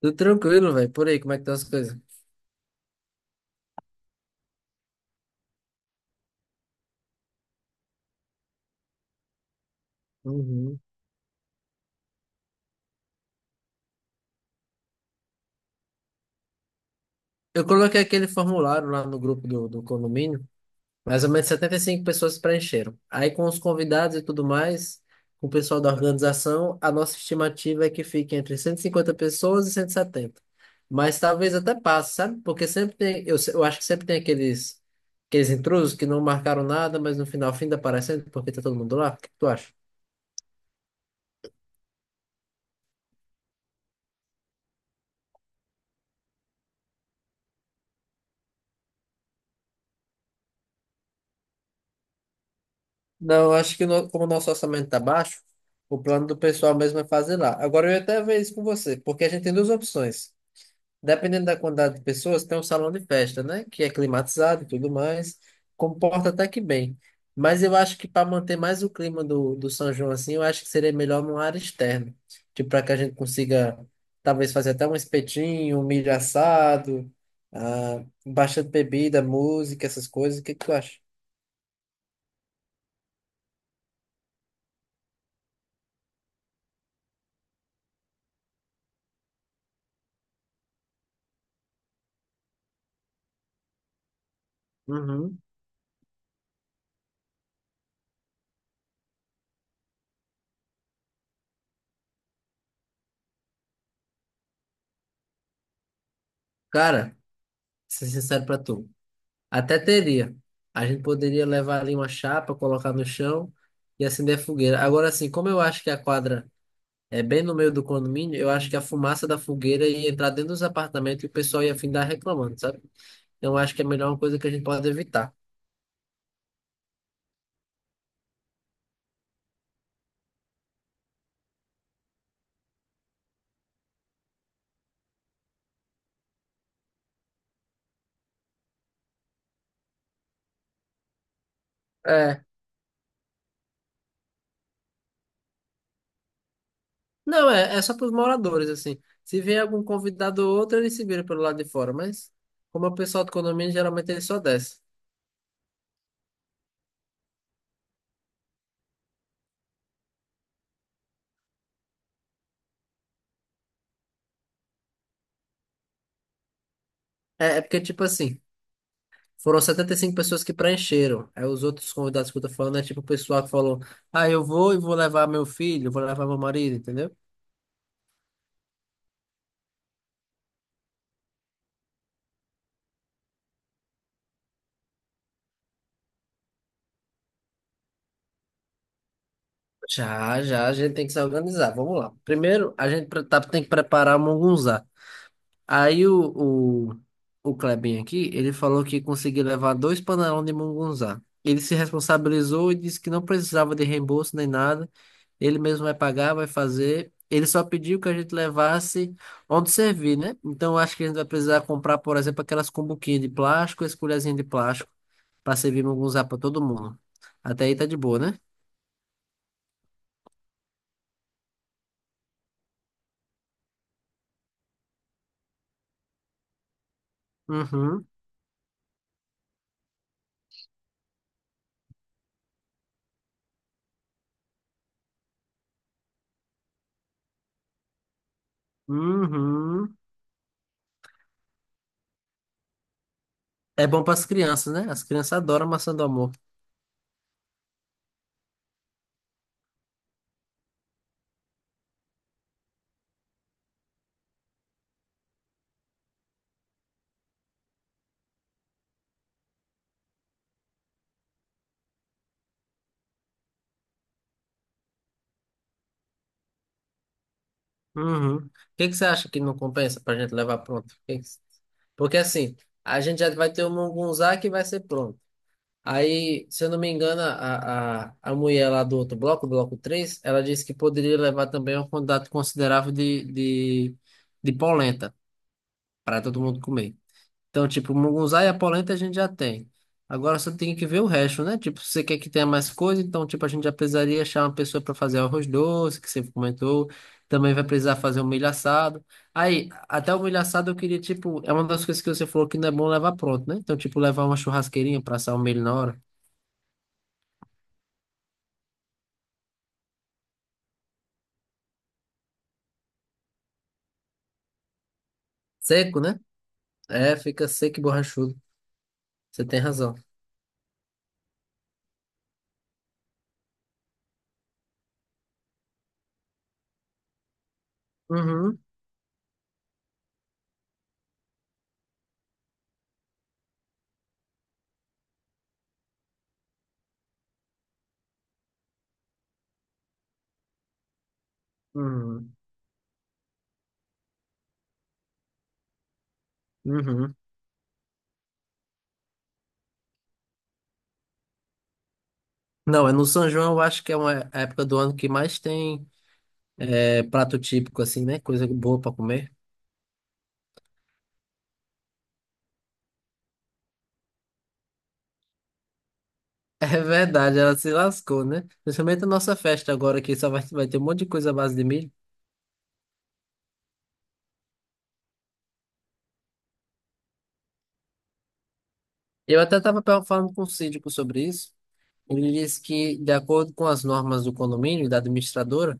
Tudo tranquilo, velho. Por aí, como é que estão as coisas? Uhum. Eu coloquei aquele formulário lá no grupo do condomínio, mais ou menos 75 pessoas preencheram. Aí, com os convidados e tudo mais, com o pessoal da organização, a nossa estimativa é que fique entre 150 pessoas e 170. Mas talvez até passe, sabe? Porque sempre tem, eu, se- eu acho que sempre tem aqueles intrusos que não marcaram nada, mas no final, fim aparecendo, porque tá todo mundo lá. O que que tu acha? Não, eu acho que como o nosso orçamento está baixo, o plano do pessoal mesmo é fazer lá. Agora eu ia até ver isso com você, porque a gente tem duas opções. Dependendo da quantidade de pessoas, tem um salão de festa, né? Que é climatizado e tudo mais, comporta até que bem. Mas eu acho que para manter mais o clima do São João assim, eu acho que seria melhor numa área externa. Tipo, para que a gente consiga talvez fazer até um espetinho, um milho assado, ah, bastante bebida, música, essas coisas. O que que tu acha? Uhum. Cara, ser sincero pra tu. Até teria. A gente poderia levar ali uma chapa, colocar no chão e acender a fogueira. Agora, assim, como eu acho que a quadra é bem no meio do condomínio, eu acho que a fumaça da fogueira ia entrar dentro dos apartamentos e o pessoal ia findar reclamando, sabe? Então, eu acho que é melhor uma coisa que a gente pode evitar. É. Não, é só para os moradores, assim. Se vier algum convidado ou outro, eles se viram pelo lado de fora. Mas, como é o pessoal do condomínio, geralmente ele só desce. É porque, tipo assim. Foram 75 pessoas que preencheram. Aí os outros convidados que eu tô falando é tipo o pessoal que falou: Ah, eu vou e vou levar meu filho, vou levar meu marido, entendeu? Já, já, a gente tem que se organizar. Vamos lá. Primeiro, a gente tá, tem que preparar o Mungunzá. Aí o Klebin aqui, ele falou que conseguiu levar dois panelões de mungunzá. Ele se responsabilizou e disse que não precisava de reembolso nem nada. Ele mesmo vai pagar, vai fazer. Ele só pediu que a gente levasse onde servir, né? Então eu acho que a gente vai precisar comprar, por exemplo, aquelas cumbuquinhas de plástico, as colherzinhas de plástico, para servir mungunzá para todo mundo. Até aí tá de boa, né? Uhum, uhum. É bom para as crianças, né? As crianças adoram maçã do amor. Uhum. O que que você acha que não compensa pra gente levar pronto? O que que- Porque assim, a gente já vai ter o Mungunzá que vai ser pronto. Aí, se eu não me engano, a mulher lá do outro bloco, bloco 3 ela disse que poderia levar também uma quantidade considerável de polenta para todo mundo comer. Então, tipo, mungunzá e a polenta a gente já tem. Agora só tem que ver o resto, né? Tipo, se você quer que tenha mais coisa, então, tipo, a gente já precisaria achar uma pessoa para fazer arroz doce, que você comentou. Também vai precisar fazer o milho assado. Aí, até o milho assado eu queria, tipo, é uma das coisas que você falou que não é bom levar pronto, né? Então, tipo, levar uma churrasqueirinha para assar o milho na hora. Seco, né? É, fica seco e borrachudo. Você tem razão. Uhum, uhum, uhum. Não, é no São João, eu acho que é uma época do ano que mais tem. É prato típico, assim, né? Coisa boa pra comer. É verdade, ela se lascou, né? Principalmente a nossa festa agora, que só vai ter um monte de coisa à base de milho. Eu até estava falando com o síndico sobre isso. Ele disse que, de acordo com as normas do condomínio e da administradora,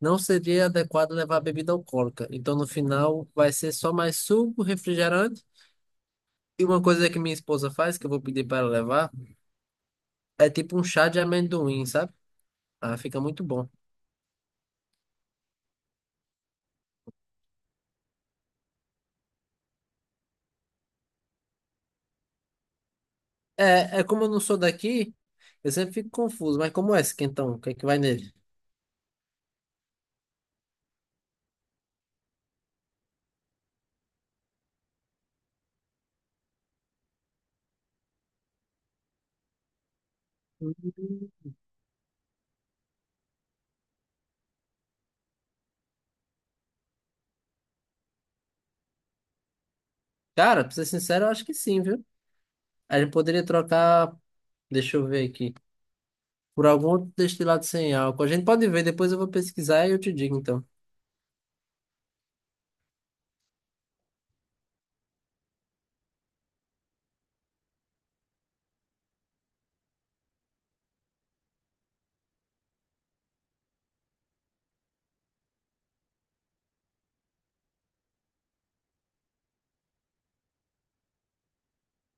não seria adequado levar bebida alcoólica. Então, no final, vai ser só mais suco, refrigerante. E uma coisa que minha esposa faz, que eu vou pedir para ela levar, é tipo um chá de amendoim, sabe? Ah, fica muito bom. É como eu não sou daqui, eu sempre fico confuso. Mas como é esse quentão? O que é que vai nele? Cara, pra ser sincero, eu acho que sim, viu? A gente poderia trocar, deixa eu ver aqui, por algum outro destilado sem álcool. A gente pode ver, depois eu vou pesquisar e eu te digo, então.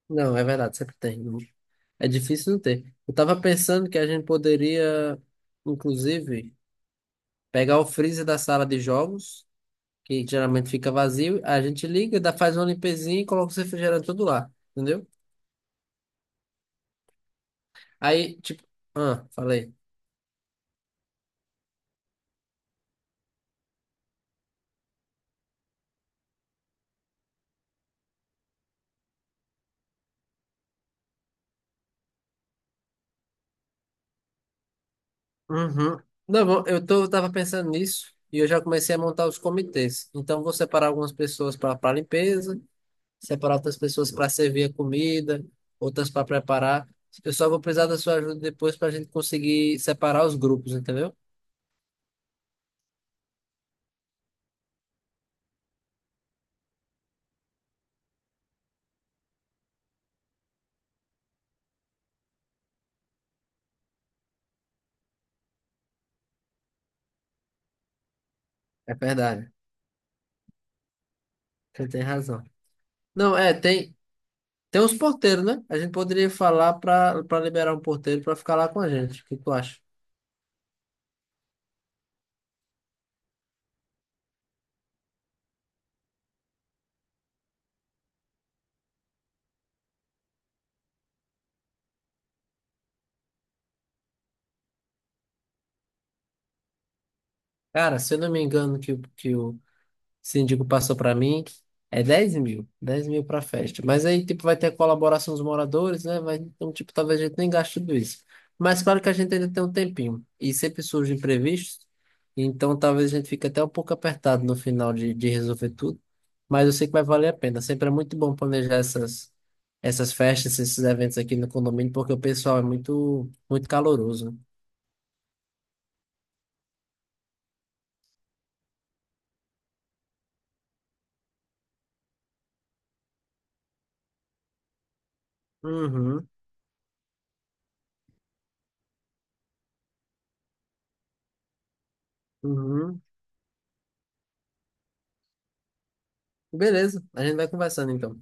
Não, é verdade, sempre tem. É difícil não ter. Eu tava pensando que a gente poderia, inclusive, pegar o freezer da sala de jogos, que geralmente fica vazio, a gente liga, dá, faz uma limpezinha e coloca o refrigerantes todo lá, entendeu? Aí, tipo, ah, falei. Uhum. Não, bom, eu tava pensando nisso e eu já comecei a montar os comitês. Então, vou separar algumas pessoas para limpeza, separar outras pessoas para servir a comida, outras para preparar. Eu só vou precisar da sua ajuda depois para a gente conseguir separar os grupos, entendeu? É verdade, você tem razão. Não, é, tem uns porteiros, né? A gente poderia falar para liberar um porteiro para ficar lá com a gente. O que tu acha? Cara, se eu não me engano, que o Esse síndico passou para mim, é 10.000, 10.000 para festa. Mas aí, tipo, vai ter a colaboração dos moradores, né? Vai, então, tipo, talvez a gente nem gaste tudo isso. Mas claro que a gente ainda tem um tempinho. E sempre surgem imprevistos, então talvez a gente fique até um pouco apertado no final de resolver tudo. Mas eu sei que vai valer a pena. Sempre é muito bom planejar essas festas, esses eventos aqui no condomínio, porque o pessoal é muito, muito caloroso. Uhum, uhum. Beleza, a gente vai conversando então.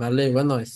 Valeu, é nóis.